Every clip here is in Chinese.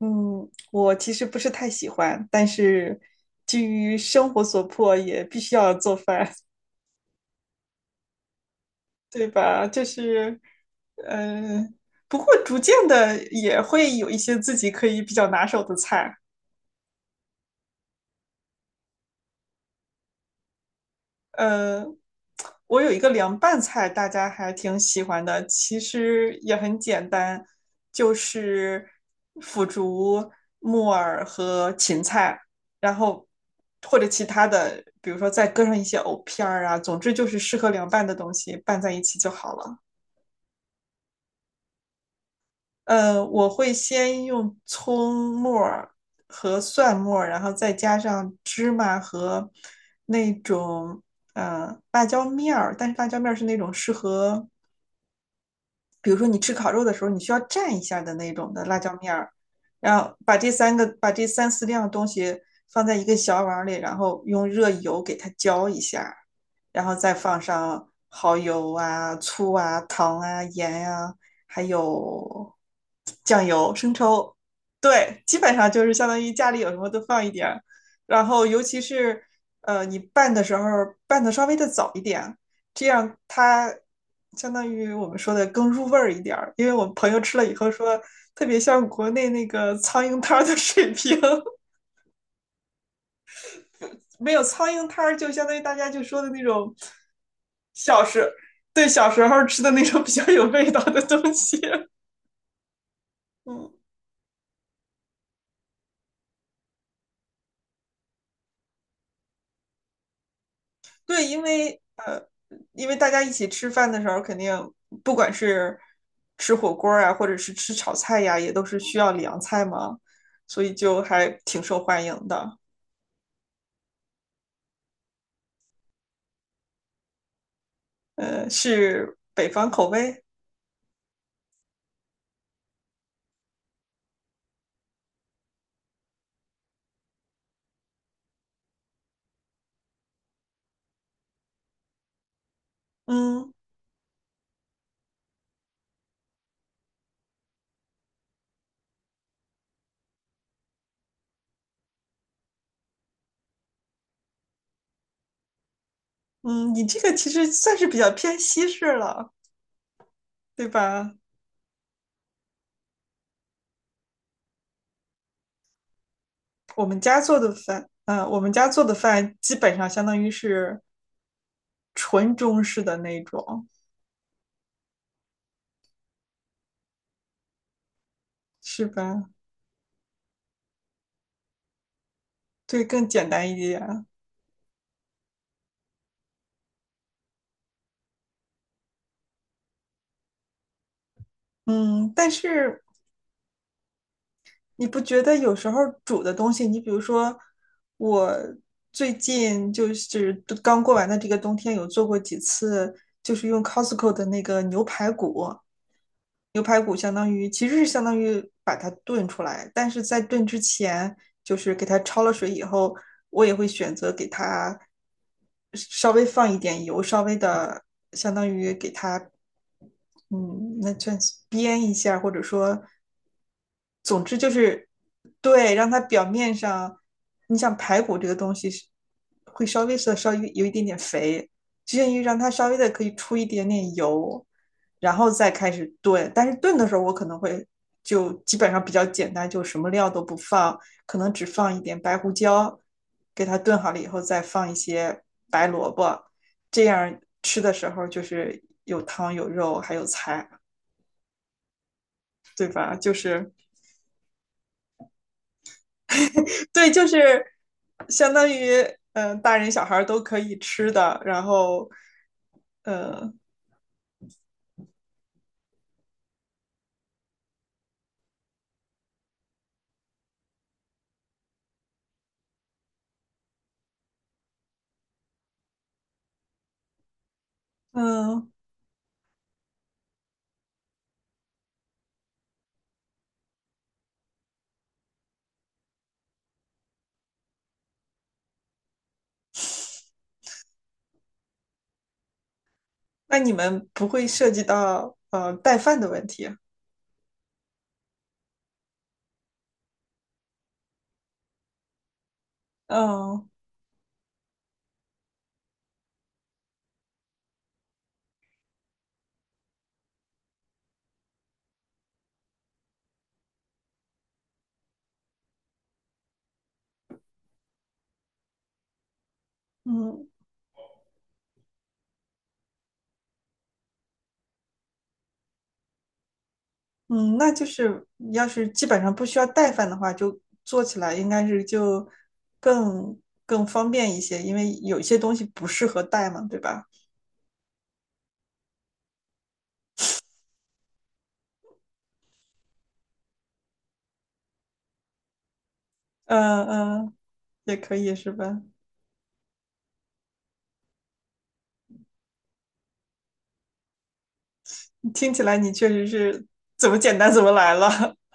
嗯，我其实不是太喜欢，但是基于生活所迫，也必须要做饭，对吧？就是，嗯、不过逐渐的也会有一些自己可以比较拿手的菜。呃，我有一个凉拌菜，大家还挺喜欢的，其实也很简单，就是腐竹、木耳和芹菜，然后或者其他的，比如说再搁上一些藕片儿啊，总之就是适合凉拌的东西拌在一起就好了。我会先用葱末儿和蒜末儿，然后再加上芝麻和那种辣椒面儿，但是辣椒面儿是那种适合比如说你吃烤肉的时候，你需要蘸一下的那种的辣椒面儿，然后把这三四样东西放在一个小碗里，然后用热油给它浇一下，然后再放上蚝油啊、醋啊、糖啊、盐啊，还有酱油、生抽，对，基本上就是相当于家里有什么都放一点儿，然后尤其是你拌的时候拌的稍微的早一点，这样它相当于我们说的更入味儿一点儿。因为我朋友吃了以后说，特别像国内那个苍蝇摊儿的水平，没有苍蝇摊儿，就相当于大家就说的那种小时对，小时候吃的那种比较有味道的东西。嗯，对，因为大家一起吃饭的时候，肯定不管是吃火锅啊，或者是吃炒菜呀，啊也都是需要凉菜嘛，所以就还挺受欢迎的。是北方口味。嗯嗯，你这个其实算是比较偏西式了，对吧？我们家做的饭基本上相当于是纯中式的那种，是吧？对，更简单一点。嗯，但是你不觉得有时候煮的东西，你比如说我最近就是刚过完的这个冬天，有做过几次，就是用 Costco 的那个牛排骨。牛排骨相当于其实是相当于把它炖出来，但是在炖之前，就是给它焯了水以后，我也会选择给它稍微放一点油，稍微的相当于给它嗯，那就编一下，或者说，总之就是对，让它表面上，你像排骨这个东西是会稍微有一点点肥，就限于让它稍微的可以出一点点油，然后再开始炖。但是炖的时候，我可能会就基本上比较简单，就什么料都不放，可能只放一点白胡椒，给它炖好了以后再放一些白萝卜，这样吃的时候就是有汤有肉还有菜，对吧？就是对，就是相当于大人小孩都可以吃的。然后嗯嗯，那你们不会涉及到带饭的问题？嗯嗯嗯，那就是要是基本上不需要带饭的话，就做起来应该是就更更方便一些，因为有些东西不适合带嘛，对吧？嗯嗯，也可以是吧？听起来你确实是怎么简单怎么来了。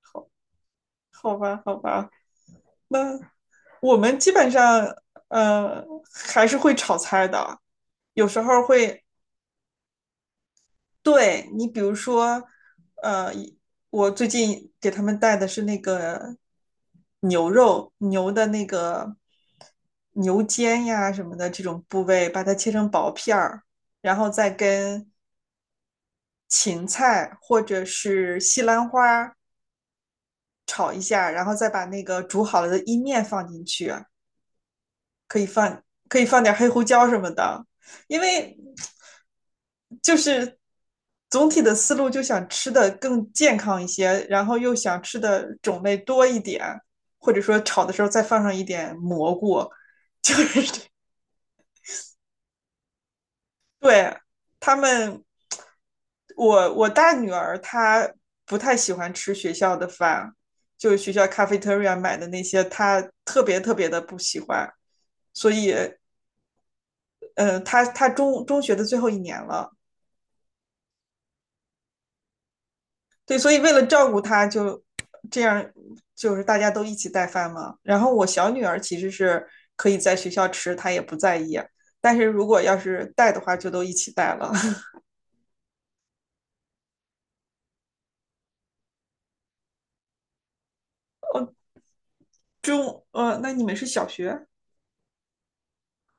好，好吧，好吧。那我们基本上，呃，还是会炒菜的，有时候会。对你，比如说，呃，一我最近给他们带的是那个牛肉，牛的那个牛肩呀什么的这种部位，把它切成薄片儿，然后再跟芹菜或者是西兰花炒一下，然后再把那个煮好了的意面放进去，可以放可以放点黑胡椒什么的，因为就是总体的思路就想吃的更健康一些，然后又想吃的种类多一点，或者说炒的时候再放上一点蘑菇，就对，他们，我大女儿她不太喜欢吃学校的饭，就是学校 cafeteria 买的那些，她特别特别的不喜欢，所以，她中学的最后一年了，对，所以为了照顾她就这样，就是大家都一起带饭嘛。然后我小女儿其实是可以在学校吃，她也不在意，但是如果要是带的话，就都一起带了。那你们是小学？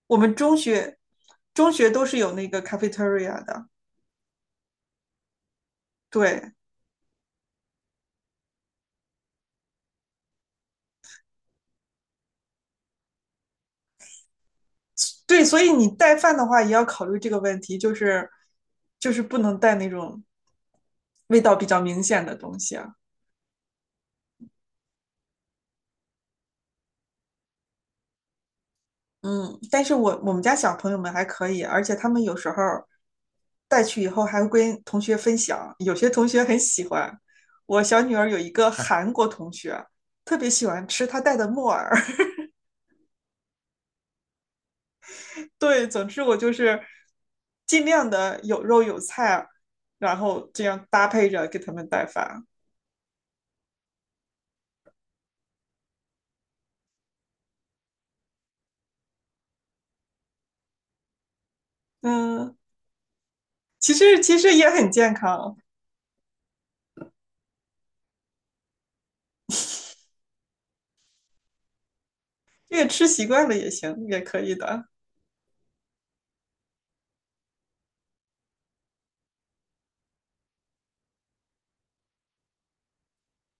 我们中学都是有那个 cafeteria 的，对对，所以你带饭的话也要考虑这个问题，就是不能带那种味道比较明显的东西啊。嗯，但是我们家小朋友们还可以，而且他们有时候带去以后还会跟同学分享，有些同学很喜欢。我小女儿有一个 韩国同学，特别喜欢吃她带的木耳，对，总之我就是尽量的有肉有菜，然后这样搭配着给他们带饭。嗯，其实也很健康，这个吃习惯了也行，也可以的。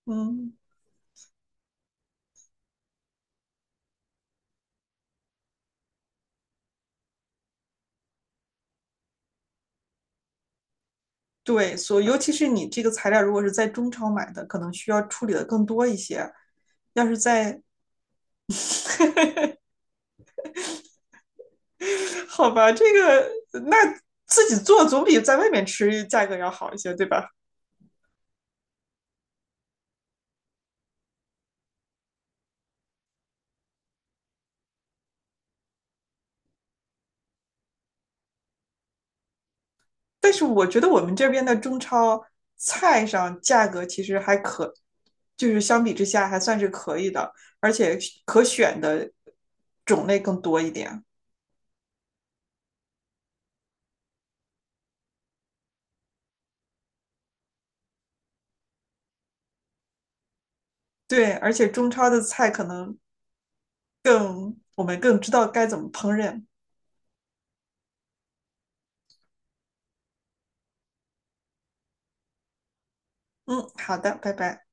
嗯，对，尤其是你这个材料如果是在中超买的，可能需要处理的更多一些。要是在，好吧，那自己做总比在外面吃价格要好一些，对吧？但是我觉得我们这边的中超菜上价格其实还可，就是相比之下还算是可以的，而且可选的种类更多一点。对，而且中超的菜可能更，我们更知道该怎么烹饪。嗯，好的，拜拜。